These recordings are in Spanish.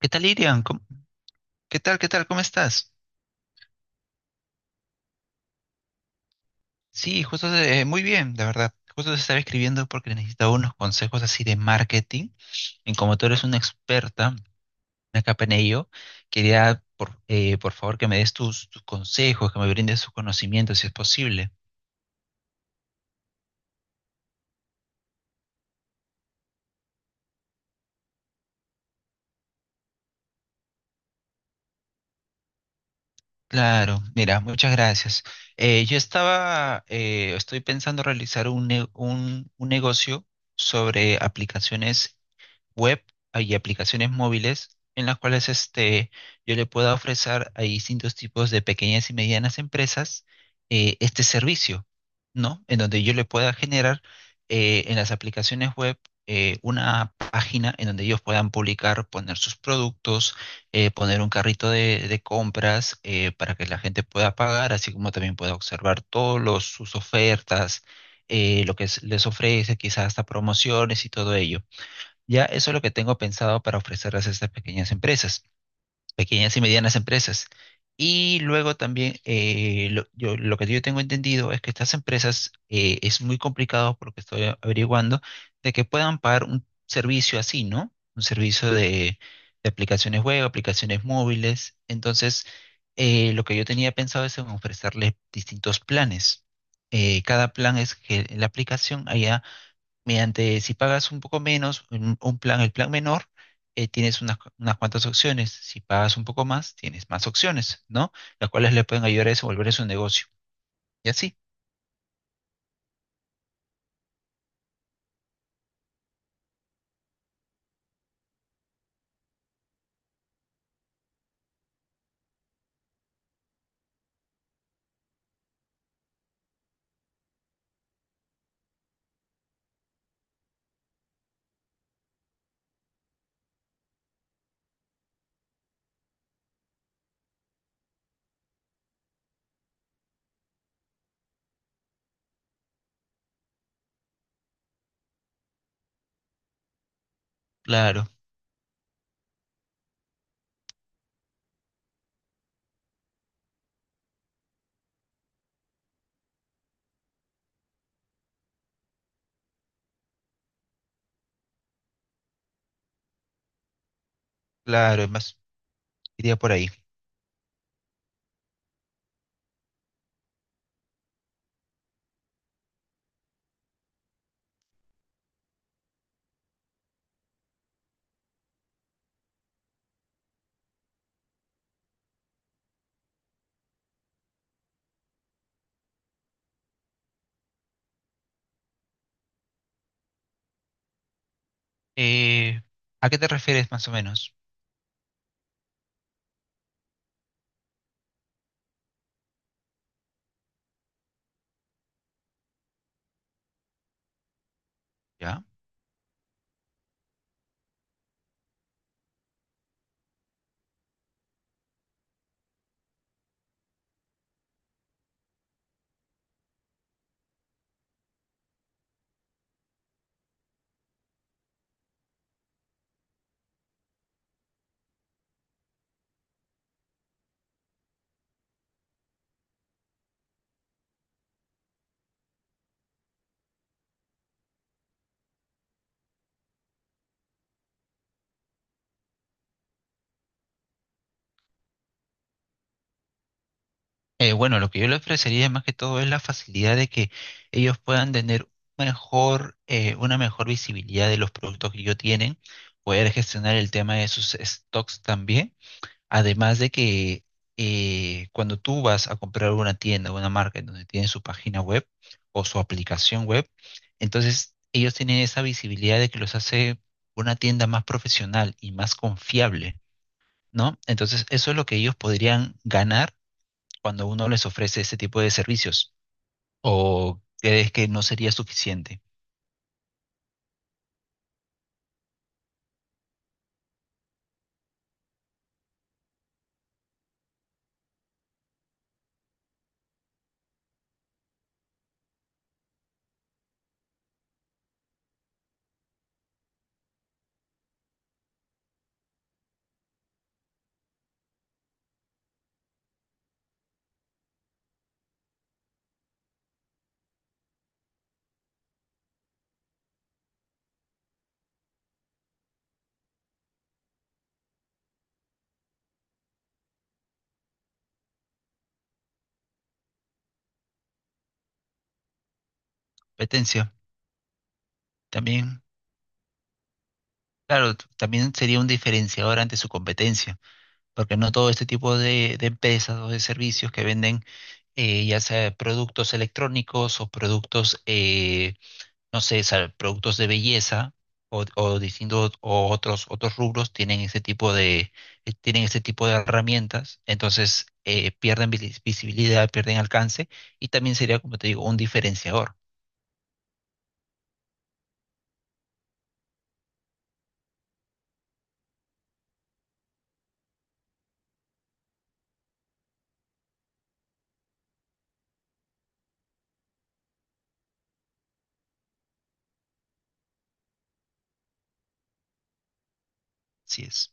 ¿Qué tal, Irian? ¿Qué tal? ¿Qué tal? ¿Cómo estás? Sí, justo muy bien, la verdad. Justo te estaba escribiendo porque necesitaba unos consejos así de marketing. Y como tú eres una experta, una capa en ello, quería, por favor, que me des tus consejos, que me brindes tus conocimientos, si es posible. Claro, mira, muchas gracias. Estoy pensando realizar un negocio sobre aplicaciones web ah, y aplicaciones móviles en las cuales este, yo le pueda ofrecer a distintos tipos de pequeñas y medianas empresas este servicio, ¿no? En donde yo le pueda generar en las aplicaciones web una página en donde ellos puedan publicar, poner sus productos, poner un carrito de compras para que la gente pueda pagar, así como también pueda observar todos los, sus ofertas, les ofrece, quizás hasta promociones y todo ello. Ya eso es lo que tengo pensado para ofrecerles a estas pequeñas empresas, pequeñas y medianas empresas. Y luego también lo que yo tengo entendido es que estas empresas es muy complicado porque estoy averiguando de que puedan pagar un servicio así, ¿no? Un servicio de aplicaciones web, aplicaciones móviles. Entonces, lo que yo tenía pensado es en ofrecerles distintos planes. Cada plan es que en la aplicación haya mediante, si pagas un poco menos, un plan, el plan menor, tienes unas cuantas opciones. Si pagas un poco más, tienes más opciones, ¿no? Las cuales le pueden ayudar a desenvolver su negocio. Y así, claro, claro, es más, iría por ahí. Eh, ¿A qué te refieres más o menos? ¿Ya? Bueno, lo que yo le ofrecería más que todo es la facilidad de que ellos puedan tener una mejor visibilidad de los productos que ellos tienen, poder gestionar el tema de sus stocks también. Además de que cuando tú vas a comprar una tienda o una marca en donde tienen su página web o su aplicación web, entonces ellos tienen esa visibilidad de que los hace una tienda más profesional y más confiable, ¿no? Entonces eso es lo que ellos podrían ganar cuando uno les ofrece ese tipo de servicios. ¿O crees que no sería suficiente? Competencia, también, claro, también sería un diferenciador ante su competencia. Porque no todo este tipo de empresas o de servicios que venden ya sea productos electrónicos o productos, no sé, productos de belleza o distintos o otros rubros tienen ese tipo de tienen ese tipo de herramientas, entonces visibilidad, pierden alcance y también sería, como te digo, un diferenciador. Así es.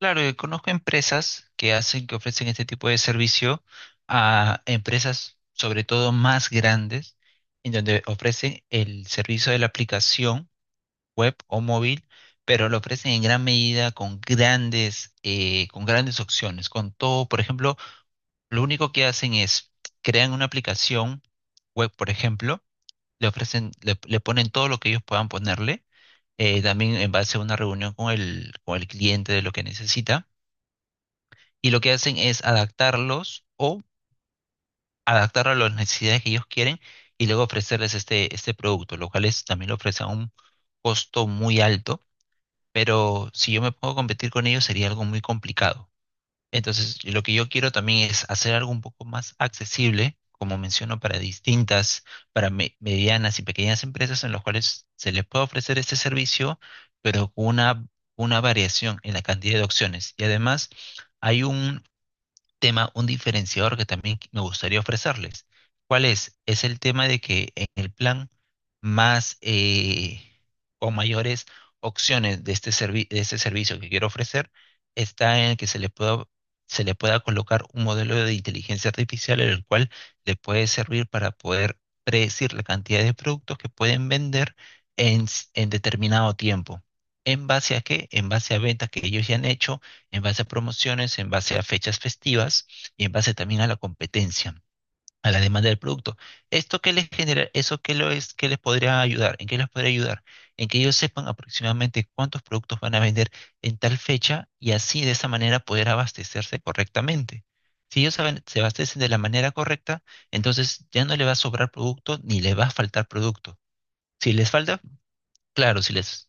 Claro, conozco empresas que hacen, que ofrecen este tipo de servicio a empresas, sobre todo más grandes, en donde ofrecen el servicio de la aplicación web o móvil, pero lo ofrecen en gran medida con con grandes opciones, con todo. Por ejemplo, lo único que hacen es crean una aplicación web, por ejemplo, le ofrecen, le ponen todo lo que ellos puedan ponerle, también en base a una reunión con con el cliente de lo que necesita, y lo que hacen es adaptarlos o adaptarlo a las necesidades que ellos quieren y luego ofrecerles este producto, lo cual es, también lo ofrece a un costo muy alto, pero si yo me pongo a competir con ellos sería algo muy complicado. Entonces, lo que yo quiero también es hacer algo un poco más accesible, como menciono, para distintas, para medianas y pequeñas empresas en las cuales se les puede ofrecer este servicio, pero con una variación en la cantidad de opciones. Y además, hay un tema, un diferenciador que también me gustaría ofrecerles. ¿Cuál es? Es el tema de que en el plan más o mayores opciones de de este servicio que quiero ofrecer está en que se le pueda colocar un modelo de inteligencia artificial en el cual le puede servir para poder predecir la cantidad de productos que pueden vender en determinado tiempo. ¿En base a qué? En base a ventas que ellos ya han hecho, en base a promociones, en base a fechas festivas y en base también a la competencia, a la demanda del producto. ¿Esto qué les genera? ¿Eso qué lo es, qué les podría ayudar? ¿En qué les podría ayudar? En que ellos sepan aproximadamente cuántos productos van a vender en tal fecha y así de esa manera poder abastecerse correctamente. Si ellos se abastecen de la manera correcta, entonces ya no le va a sobrar producto ni le va a faltar producto. Si les falta, claro, si les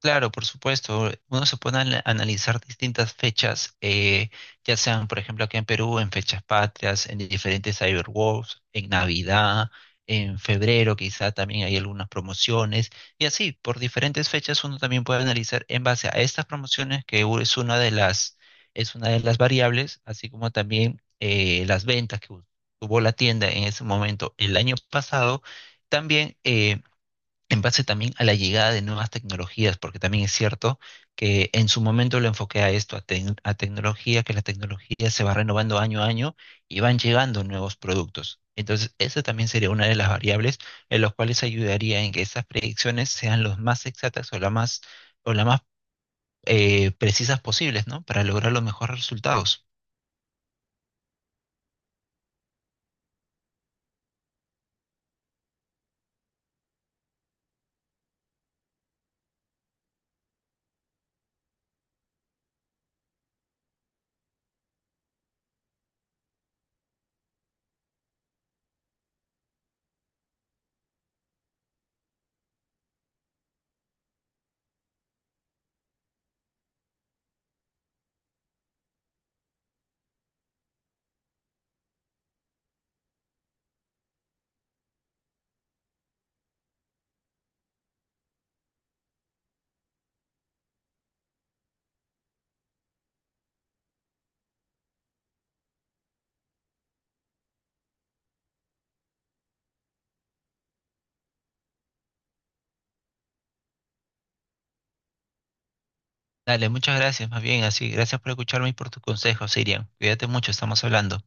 claro, por supuesto. Uno se pone a analizar distintas fechas, ya sean, por ejemplo, aquí en Perú, en fechas patrias, en diferentes Cyberwars, en Navidad, en febrero, quizá también hay algunas promociones. Y así, por diferentes fechas, uno también puede analizar en base a estas promociones, es una de las, es una de las variables, así como también las ventas tuvo la tienda en ese momento el año pasado. También en base también a la llegada de nuevas tecnologías, porque también es cierto que en su momento lo enfoqué a esto, a tecnología, que la tecnología se va renovando año a año y van llegando nuevos productos. Entonces, esa también sería una de las variables en las cuales ayudaría en que esas predicciones sean las más exactas o las más precisas posibles, ¿no? Para lograr los mejores resultados. Dale, muchas gracias, más bien así. Gracias por escucharme y por tus consejos, Sirian. Cuídate mucho, estamos hablando.